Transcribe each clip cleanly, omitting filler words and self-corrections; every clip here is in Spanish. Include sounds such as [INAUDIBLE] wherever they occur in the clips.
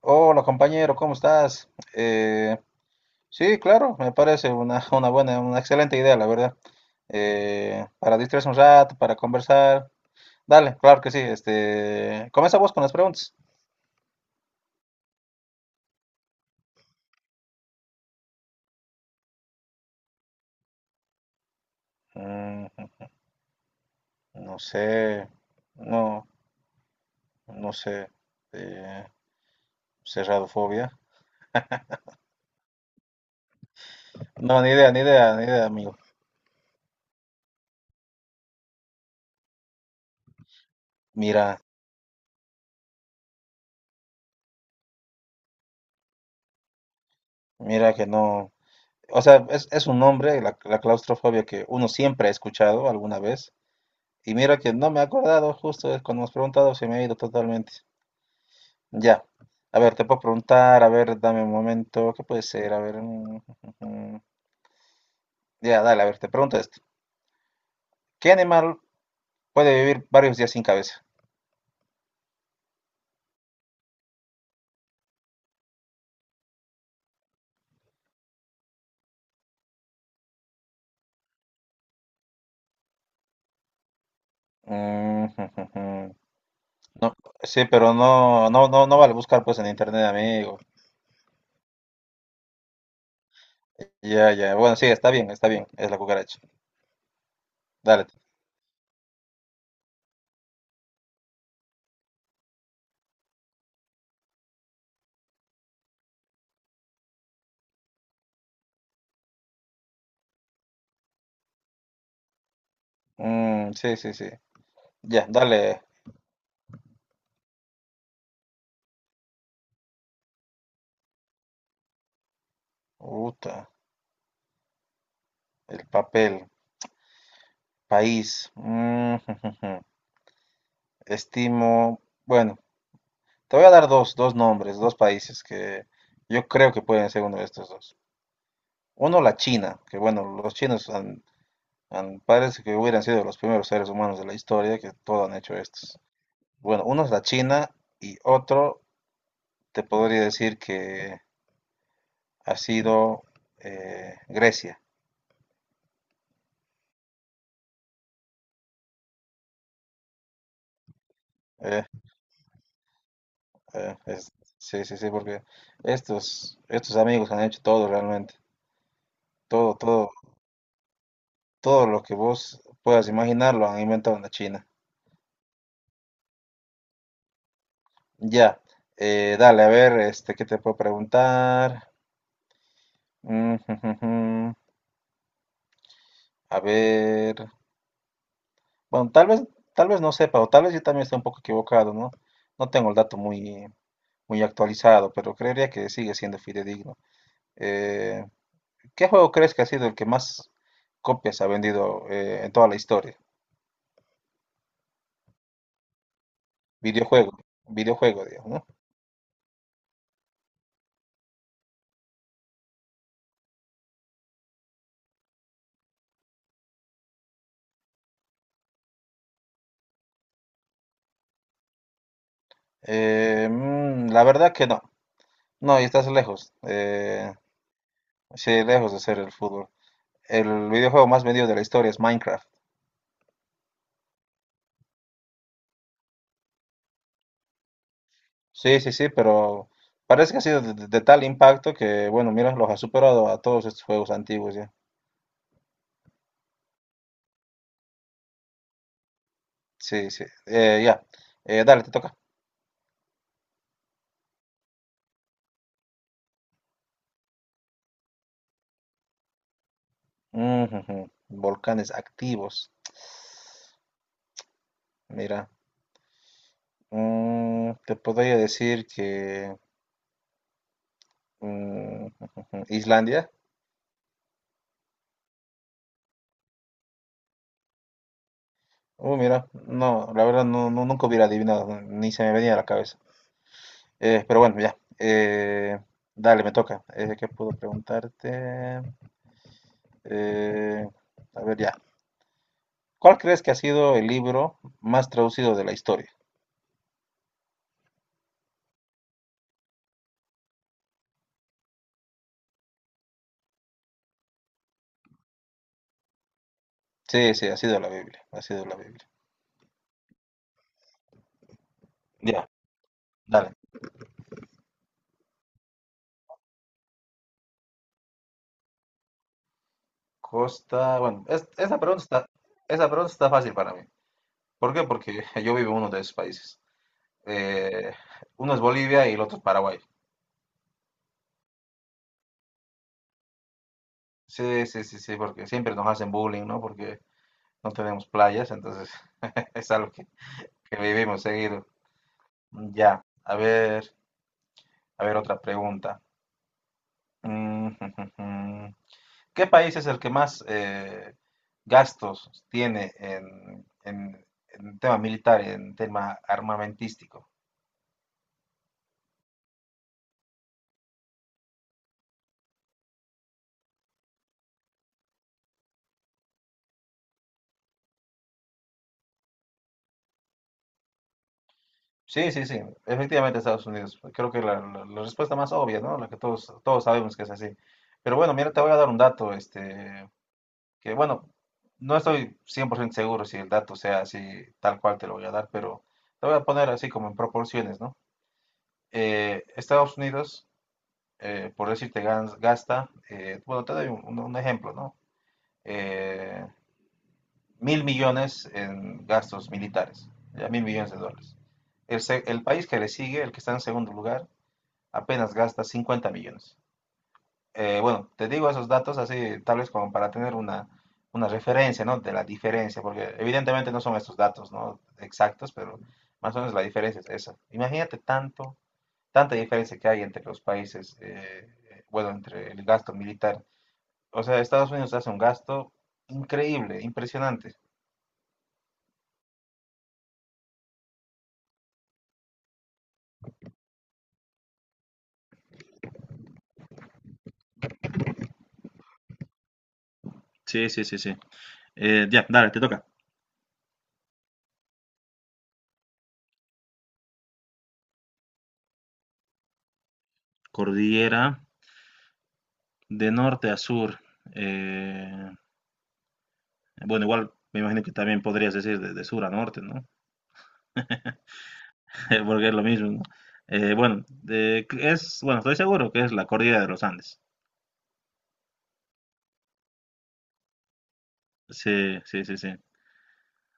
Hola compañero, ¿cómo estás? Sí, claro, me parece una, [LAUGHS] una buena, una excelente idea, la verdad. Para distraerse un rato, para conversar. Dale, claro que sí. Este, comienza vos con las preguntas. Mm, no sé, no, no sé. Eh, cerradofobia. No, ni idea, ni idea, ni idea, amigo. Mira, mira que no. O sea, es un nombre, la claustrofobia que uno siempre ha escuchado alguna vez. Y mira que no me he acordado, justo es cuando me has preguntado se me ha ido totalmente. Ya. A ver, te puedo preguntar, a ver, dame un momento, ¿qué puede ser? A ver. Mm, Ya, dale, a ver, te pregunto esto. ¿Qué animal puede vivir varios días sin cabeza? Mm, [LAUGHS] no, sí, pero no, no, no, no vale buscar pues en internet, amigo. Ya, ya. Bueno, sí, está bien, está bien. Es la cucaracha. Dale. Mm, sí, sí, sí. Ya, dale. Uta, el papel. País. Mm, [LAUGHS] estimo, bueno, te voy a dar dos, dos nombres, dos países que yo creo que pueden ser uno de estos dos. Uno, la China, que bueno, los chinos parece que hubieran sido los primeros seres humanos de la historia que todo han hecho estos. Bueno, uno es la China y otro te podría decir que ha sido Grecia. Eh, eh, es- sí, sí, sí, porque estos, estos amigos han hecho todo realmente, todo, todo, todo lo que vos puedas imaginar lo han inventado en la China. Ya, dale, a ver, este, ¿qué te puedo preguntar? Mm, jujujú, a ver, bueno, tal vez no sepa, o tal vez yo también esté un poco equivocado, ¿no? No tengo el dato muy, muy actualizado, pero creería que sigue siendo fidedigno. Eh, ¿Qué juego crees que ha sido el que más copias ha vendido en toda la historia? Videojuego, videojuego, digamos, ¿no? La verdad que no, no, y estás lejos, sí, lejos de ser el fútbol. El videojuego más vendido de la historia es Minecraft. Sí, sí, sí, pero parece que ha sido de, de tal impacto que, bueno, mira, los ha superado a todos estos juegos antiguos ya. Sí, sí. Ya. Dale, te toca. Ujujú. Volcanes activos. Mira. Te podría decir que mm, [LAUGHS] Islandia. Mira, no, la verdad no, nunca hubiera adivinado, ni se me venía a la cabeza. Pero bueno, ya. Dale, me toca. ¿Qué puedo preguntarte? Eh, a ver, ya. ¿Cuál crees que ha sido el libro más traducido de la historia? Sí, sí, ha sido la Biblia, ha sido la Biblia. Ya, dale. Costa, bueno, esa pregunta está fácil para mí. ¿Por qué? Porque [LAUGHS] yo vivo en uno de esos países. Eh, uno es Bolivia y el otro es Paraguay. Sí, sí, sí, sí, porque siempre nos hacen bullying, ¿no? Porque no tenemos playas, entonces [LAUGHS] es algo que vivimos seguido. Ya, a ver otra pregunta. Mm, [LAUGHS] ¿qué país es el que más gastos tiene en tema militar, en tema armamentístico? Sí, sí, sí, efectivamente Estados Unidos. Creo que la, la respuesta más obvia, ¿no? La que todos, todos sabemos que es así. Pero bueno, mira, te voy a dar un dato, este, que bueno, no estoy 100% seguro si el dato sea así, tal cual te lo voy a dar, pero te voy a poner así como en proporciones, ¿no? Estados Unidos, por decirte, gasta, bueno, te doy un, un ejemplo, ¿no? eh, 1.000.000.000 en gastos militares, ya 1.000.000.000 de dólares. El, el país que le sigue, el que está en segundo lugar, apenas gasta 50.000.000. Bueno, te digo esos datos así, tal vez como para tener una referencia, ¿no? De la diferencia, porque evidentemente no son estos datos, ¿no? Exactos, pero más o menos la diferencia es esa. Imagínate tanto, tanta diferencia que hay entre los países, bueno, entre el gasto militar. O sea, Estados Unidos hace un gasto increíble, impresionante. Sí, sí, sí, sí. Ya, dale, te toca. Cordillera de norte a sur. Eh, bueno, igual me imagino que también podrías decir de sur a norte, ¿no? [LAUGHS] Porque es lo mismo, ¿no? Bueno, es, bueno, estoy seguro que es la cordillera de los Andes. Sí, sí, sí, sí.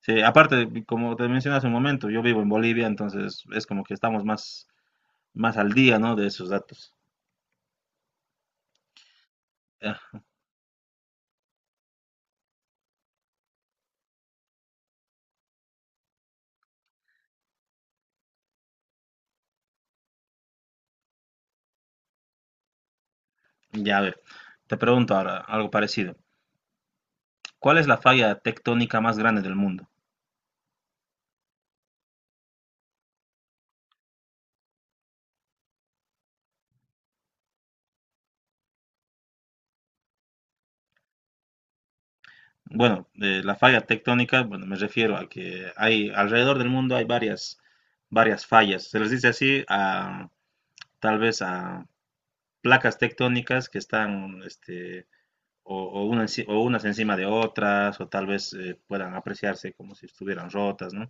Sí, aparte, como te mencioné hace un momento, yo vivo en Bolivia, entonces es como que estamos más, más al día, ¿no? De esos datos. Ah, ya, a ver, te pregunto ahora algo parecido. ¿Cuál es la falla tectónica más grande del mundo? Bueno, de la falla tectónica, bueno, me refiero a que hay alrededor del mundo hay varias, varias fallas. Se les dice así a tal vez a placas tectónicas que están este, o una o unas encima de otras, o tal vez puedan apreciarse como si estuvieran rotas, ¿no?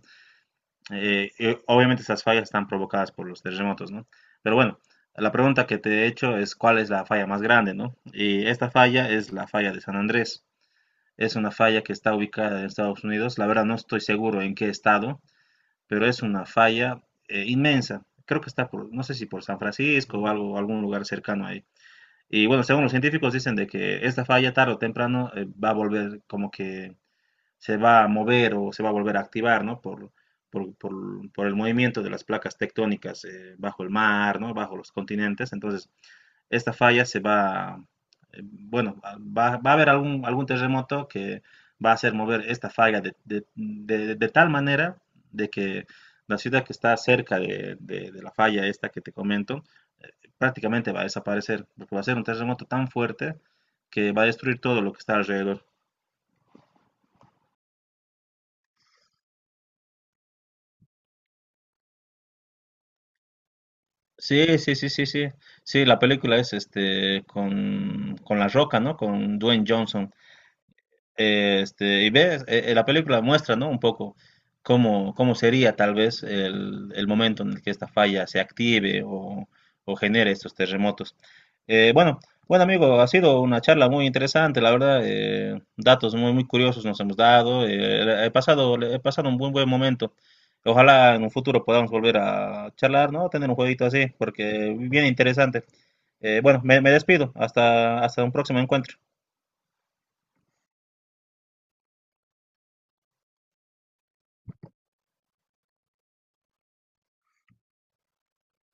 Obviamente esas fallas están provocadas por los terremotos, ¿no? Pero bueno, la pregunta que te he hecho es cuál es la falla más grande, ¿no? Y esta falla es la falla de San Andrés. Es una falla que está ubicada en Estados Unidos. La verdad no estoy seguro en qué estado, pero es una falla inmensa. Creo que está por, no sé si por San Francisco o algo, algún lugar cercano ahí. Y bueno, según los científicos dicen de que esta falla tarde o temprano va a volver como que se va a mover o se va a volver a activar, ¿no? Por, por, por el movimiento de las placas tectónicas bajo el mar, ¿no? Bajo los continentes. Entonces, esta falla se va, bueno, va, va a haber algún, algún terremoto que va a hacer mover esta falla de, de tal manera de que la ciudad que está cerca de, de la falla esta que te comento, prácticamente va a desaparecer, porque va a ser un terremoto tan fuerte que va a destruir todo lo que está alrededor. Sí, sí, sí, sí, sí. Sí, la película es este con La Roca, ¿no? Con Dwayne Johnson. Este, y ves, la película muestra, ¿no? Un poco cómo, cómo sería tal vez el momento en el que esta falla se active o genere estos terremotos. Eh, bueno, bueno amigo, ha sido una charla muy interesante, la verdad, datos muy, muy curiosos nos hemos dado, he pasado un buen, buen momento. Ojalá en un futuro podamos volver a charlar, ¿no? Tener un jueguito así, porque bien interesante. Bueno, me, me despido, hasta, hasta un próximo encuentro.